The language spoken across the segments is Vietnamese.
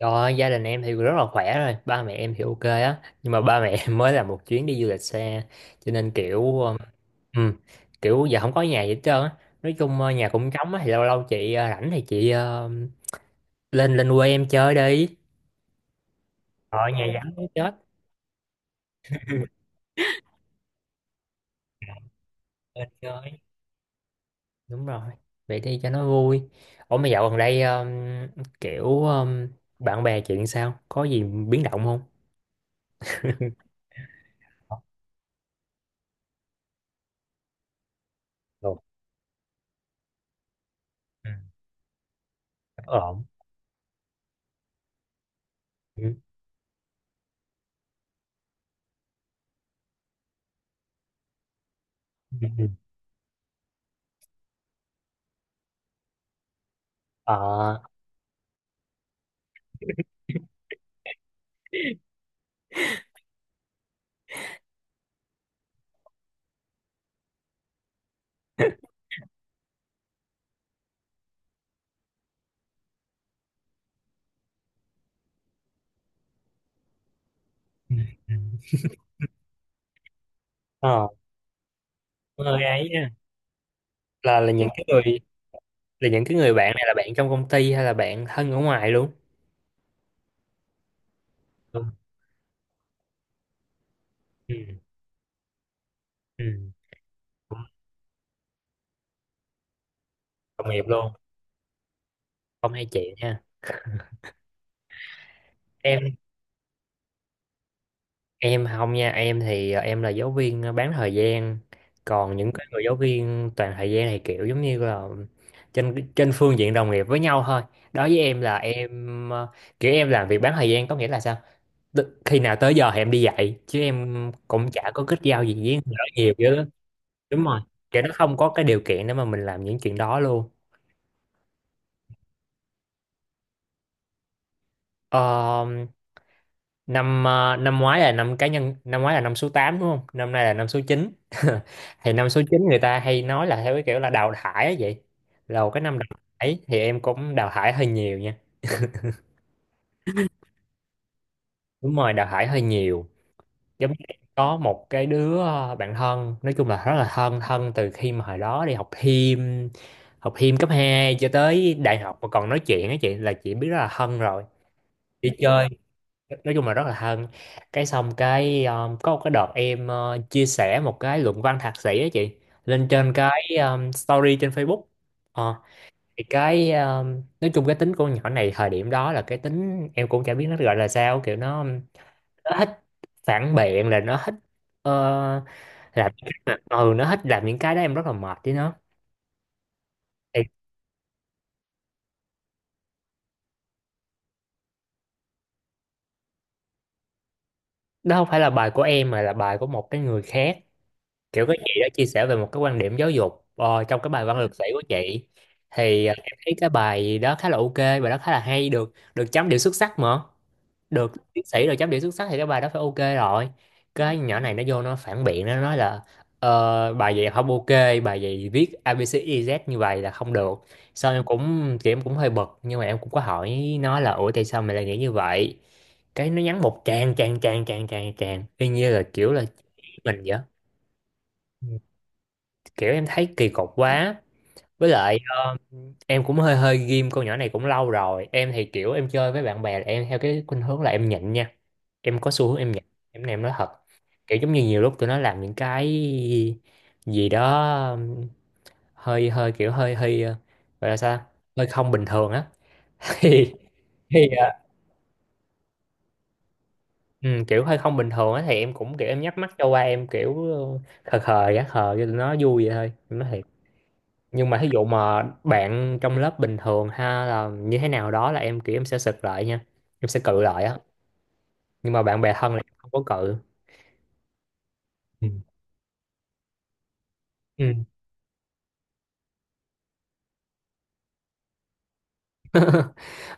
Rồi, gia đình em thì rất là khỏe rồi, ba mẹ em thì ok á, nhưng mà ba mẹ em mới làm một chuyến đi du lịch xe, cho nên ừ, kiểu giờ không có nhà gì hết trơn á. Nói chung nhà cũng trống á, thì lâu lâu rảnh thì lên lên quê em chơi đi. Ở nhà vắng muốn chết, lên chơi. Đúng rồi, vậy đi cho nó vui. Ủa mà dạo gần đây kiểu bạn bè chuyện sao? Có gì biến động không? Ổn. Ừ, ổn. Ừ. Ừ. Ờ. Ừ. Ờ. Người ấy nha, là những cái người, là những cái người bạn này là bạn trong công ty hay là bạn thân ở ngoài luôn? Ừ. Ừ. Ừ. Cũng đồng nghiệp luôn, không hay chị nha. Em em không nha, em thì em là giáo viên bán thời gian, còn những cái người giáo viên toàn thời gian thì kiểu giống như là trên trên phương diện đồng nghiệp với nhau thôi. Đối với em là em kiểu em làm việc bán thời gian có nghĩa là sao? Tức khi nào tới giờ thì em đi dạy chứ em cũng chả có kết giao gì với người đó nhiều chứ. Đúng rồi, kiểu nó không có cái điều kiện để mà mình làm những chuyện đó luôn. Ờ, năm ngoái là năm cá nhân, năm ngoái là năm số 8 đúng không, năm nay là năm số chín. Thì năm số 9 người ta hay nói là theo cái kiểu là đào thải á, vậy là một cái năm đào thải thì em cũng đào thải hơi nhiều nha. Đúng rồi, đào thải hơi nhiều. Giống như em có một cái đứa bạn thân, nói chung là rất là thân, thân từ khi mà hồi đó đi học thêm, học thêm cấp 2 cho tới đại học mà còn nói chuyện á chị, là chị biết rất là thân rồi, đi chơi, nói chung là rất là thân. Cái xong cái có một cái đợt em chia sẻ một cái luận văn thạc sĩ á chị, lên trên cái story trên Facebook. Ờ, thì cái nói chung cái tính con nhỏ này thời điểm đó, là cái tính em cũng chả biết nó gọi là sao, kiểu nó thích phản biện, là nó thích ờ, làm những cái mà- ừ nó thích làm những cái đó, em rất là mệt với nó. Thì đó không phải là bài của em mà là bài của một cái người khác, kiểu cái chị đã chia sẻ về một cái quan điểm giáo dục trong cái bài văn lực sĩ của chị. Thì em thấy cái bài đó khá là ok, bài đó khá là hay, được được chấm điểm xuất sắc mà, được tiến sĩ được chấm điểm xuất sắc thì cái bài đó phải ok rồi. Cái nhỏ này nó vô nó phản biện, nó nói là bài vậy không ok, bài vậy viết a ABCDZ như vậy là không được. Sau em cũng chị, em cũng hơi bực nhưng mà em cũng có hỏi nó là ủa tại sao mày lại nghĩ như vậy, cái nó nhắn một tràng tràng tràng tràng tràng tràng y như là kiểu là chỉ mình vậy, kiểu em thấy kỳ cục quá. Với lại em cũng hơi hơi ghim con nhỏ này cũng lâu rồi. Em thì kiểu em chơi với bạn bè là em theo cái khuynh hướng là em nhịn nha, em có xu hướng em nhịn. Em này em nói thật, kiểu giống như nhiều lúc tụi nó làm những cái gì đó um, hơi hơi kiểu hơi hơi, gọi là sao, hơi không bình thường á, thì thì ờ, ừ, kiểu hơi không bình thường á thì em cũng kiểu em nhắm mắt cho qua, em kiểu khờ khờ, gã khờ cho tụi nó vui vậy thôi em nói thiệt. Nhưng mà thí dụ mà bạn trong lớp bình thường ha, là như thế nào đó là em kiểu em sẽ sực lại nha, em sẽ cự lại á. Nhưng mà bạn bè thân là em không có cự. Ừ. Ừ.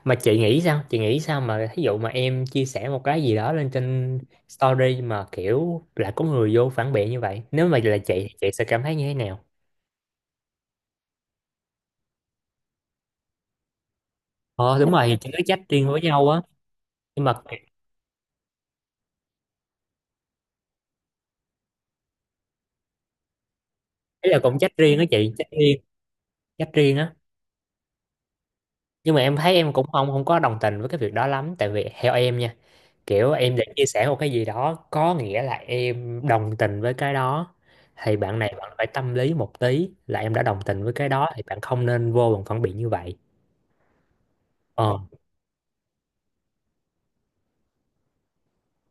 Mà chị nghĩ sao mà thí dụ mà em chia sẻ một cái gì đó lên trên story mà kiểu lại có người vô phản biện như vậy, nếu mà là chị thì chị sẽ cảm thấy như thế nào? Ờ đúng rồi, chị nói trách riêng với nhau á. Nhưng mà ấy, là cũng trách riêng á chị, trách riêng, trách riêng á. Nhưng mà em thấy em cũng không không có đồng tình với cái việc đó lắm, tại vì theo em nha, kiểu em đã chia sẻ một cái gì đó có nghĩa là em đồng tình với cái đó, thì bạn này bạn phải tâm lý một tí, là em đã đồng tình với cái đó thì bạn không nên vô bằng phản biện như vậy. Ờ,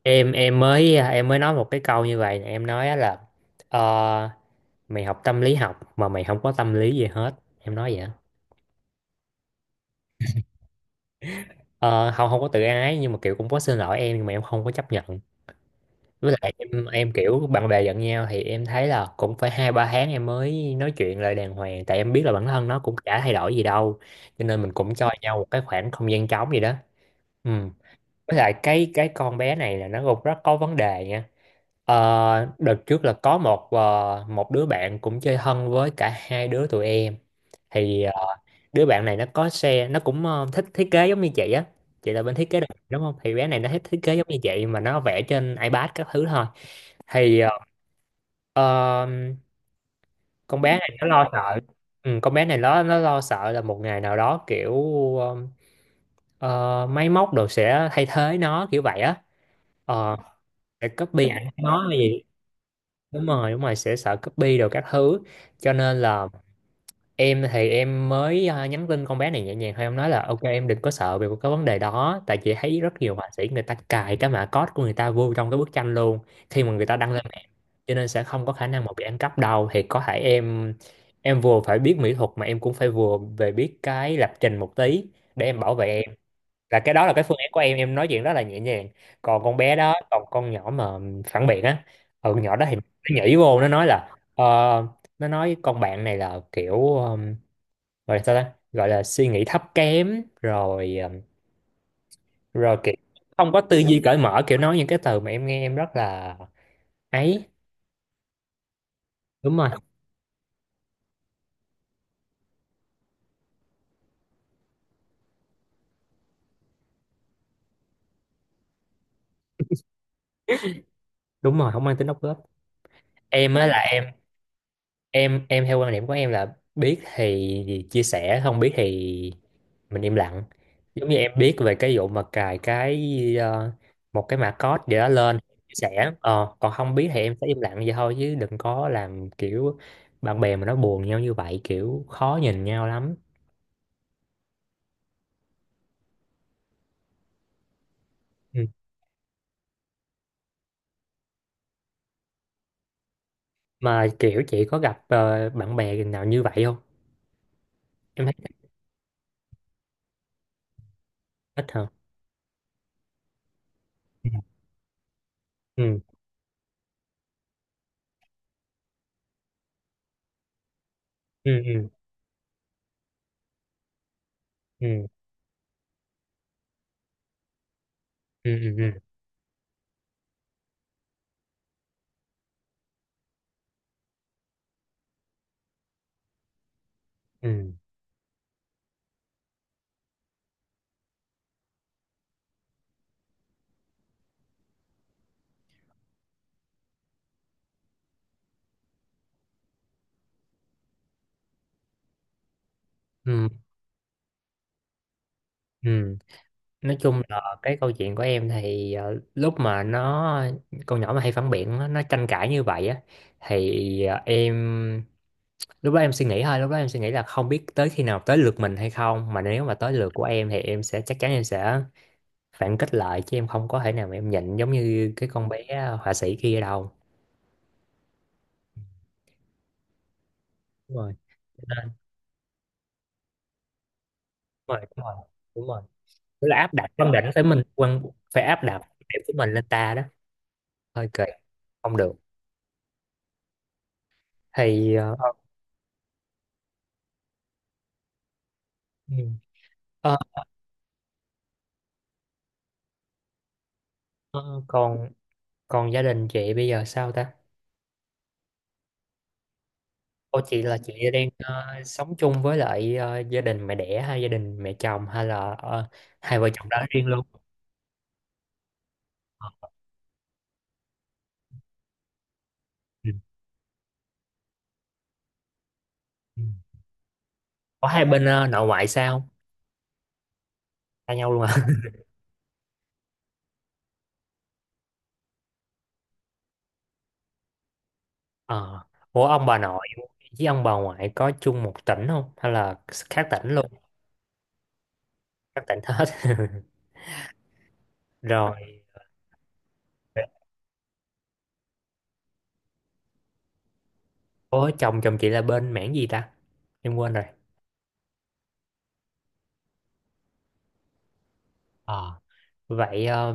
em mới nói một cái câu như vậy nè, em nói á là ờ, mày học tâm lý học mà mày không có tâm lý gì hết, em nói vậy á. Ờ không, không có tự ái nhưng mà kiểu cũng có xin lỗi em, nhưng mà em không có chấp nhận. Với lại em kiểu bạn bè giận nhau thì em thấy là cũng phải hai ba tháng em mới nói chuyện lại đàng hoàng, tại em biết là bản thân nó cũng chả thay đổi gì đâu, cho nên mình cũng cho nhau một cái khoảng không gian trống gì đó. Ừ. Với lại cái con bé này là nó cũng rất có vấn đề nha. Ờ, đợt trước là có một đứa bạn cũng chơi thân với cả hai đứa tụi em. Thì đứa bạn này nó có xe, nó cũng thích thiết kế giống như chị á, chị là bên thiết kế đồ thị đúng không, thì bé này nó thích thiết kế giống như chị, mà nó vẽ trên iPad các thứ thôi. Thì ờ, con bé này nó lo sợ. Ừ, con bé này nó lo sợ là một ngày nào đó kiểu ờ, ờ, máy móc đồ sẽ thay thế nó kiểu vậy á. Ờ, sẽ copy ảnh nó gì. Đúng rồi đúng rồi, sẽ sợ copy đồ các thứ, cho nên là em thì em mới à, nhắn tin con bé này nhẹ nhàng thôi, em nói là ok em đừng có sợ về cái vấn đề đó, tại chị thấy rất nhiều họa sĩ người ta cài cái mã code của người ta vô trong cái bức tranh luôn khi mà người ta đăng lên mạng, cho nên sẽ không có khả năng mà bị ăn cắp đâu. Thì có thể em vừa phải biết mỹ thuật mà em cũng phải vừa về biết cái lập trình một tí, để em bảo vệ. Là cái đó là cái phương án của em nói chuyện rất là nhẹ nhàng. Còn con bé đó, còn con nhỏ mà phản biện á, ừ nhỏ đó thì nó nhảy vô nó nói là ờ, nó nói con bạn này là kiểu gọi là sao ta, gọi là suy nghĩ thấp kém rồi rồi kiểu không có tư duy cởi mở, kiểu nói những cái từ mà em nghe em rất là ấy. Đúng rồi đúng rồi, không mang tính đóng góp. Em á là em em em theo quan điểm của em là biết thì chia sẻ, không biết thì mình im lặng. Giống như em biết về cái vụ mà cài cái ờ, một cái mã code gì đó lên, chia sẻ. Ờ, còn không biết thì em sẽ im lặng vậy thôi, chứ đừng có làm kiểu bạn bè mà nó buồn nhau như vậy kiểu khó nhìn nhau lắm. Ừ. Mà kiểu chị có gặp bạn bè nào như vậy không? Em thấy ít hả. Ừ ừ ừ ừ ừ ừ ừ ừ ừ ừ Nói chung là cái câu chuyện của em thì lúc mà nó, con nhỏ mà hay phản biện á, nó tranh cãi như vậy á, thì em lúc đó em suy nghĩ thôi, lúc đó em suy nghĩ là không biết tới khi nào tới lượt mình hay không, mà nếu mà tới lượt của em thì em sẽ chắc chắn em sẽ phản kích lại, chứ em không có thể nào mà em nhịn giống như cái con bé họa sĩ kia đâu. Đúng rồi. Cho nên- đúng rồi đúng rồi đúng rồi. Tức là áp đặt quan điểm tới mình, quan phải áp đặt quan điểm của mình lên ta đó, hơi kỳ, không được. Thì ừ. Ờ, ờ, còn, còn gia đình chị bây giờ sao ta? Cô chị là chị đang sống chung với lại gia đình mẹ đẻ hay gia đình mẹ chồng hay là hai vợ chồng đó riêng luôn? Ờ, Ừ. Ừ. Có hai bên nội ngoại sao không? Xa nhau luôn à? Ờ. Ủa ông bà nội với ông bà ngoại có chung một tỉnh không? Hay là khác tỉnh luôn? Khác tỉnh hết. Rồi. Ủa chồng chồng chị là bên mảng gì ta? Em quên rồi. Ờ. Vậy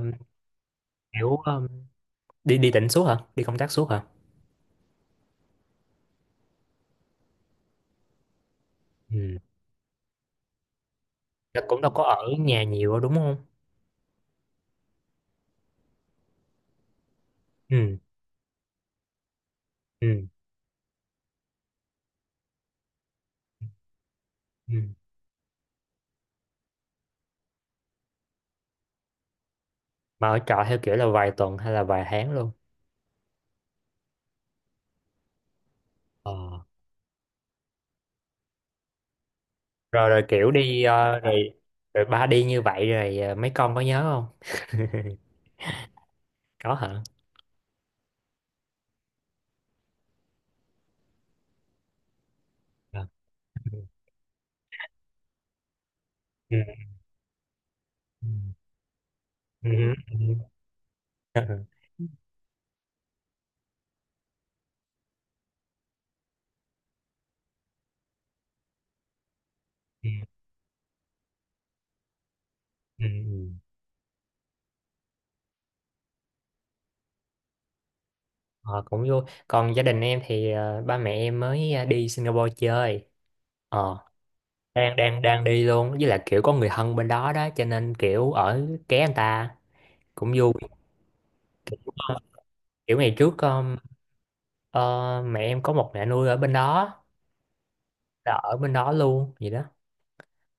kiểu đi đi tỉnh suốt hả? Đi công tác suốt hả? Ừ. Nó cũng đâu có ở nhà nhiều đâu, đúng không? Ừ, ừ, ừ. Mà ở trọ theo kiểu là vài tuần hay là vài tháng luôn. Ờ. Rồi rồi kiểu rồi rồi ba đi như vậy rồi mấy con có nhớ không? Có hả? Ờ. Ừ. Ừ. Ừ. Ừ. Ừ. Ừ. Ừ. Ừ. Ờ, cũng vui. Còn gia đình em thì ba mẹ em mới đi Singapore chơi. Ờ, đang đang đang đi luôn, với lại kiểu có người thân bên đó đó cho nên kiểu ở ké anh ta, cũng vui. Kiểu ngày trước mẹ em có một mẹ nuôi ở bên đó, là ở bên đó luôn vậy đó.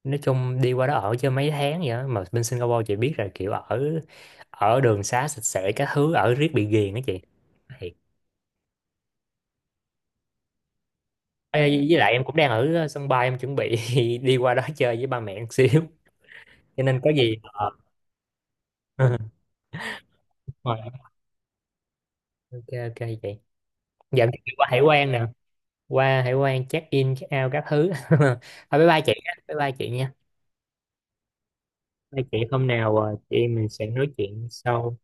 Nói chung đi qua đó ở chơi mấy tháng vậy đó. Mà bên Singapore chị biết rồi, kiểu ở ở đường xá sạch sẽ các thứ, ở riết bị ghiền á chị. Thiệt. Ê, với lại em cũng đang ở sân bay, em chuẩn bị đi qua đó chơi với ba mẹ một xíu. Cho nên có gì rồi, ok ok chị. Dạ em đi qua hải quan nè, qua hải quan check in check out các thứ. Thôi bye bye chị, nha. Bye bye chị nha. Hai chị hôm nào chị em mình sẽ nói chuyện sau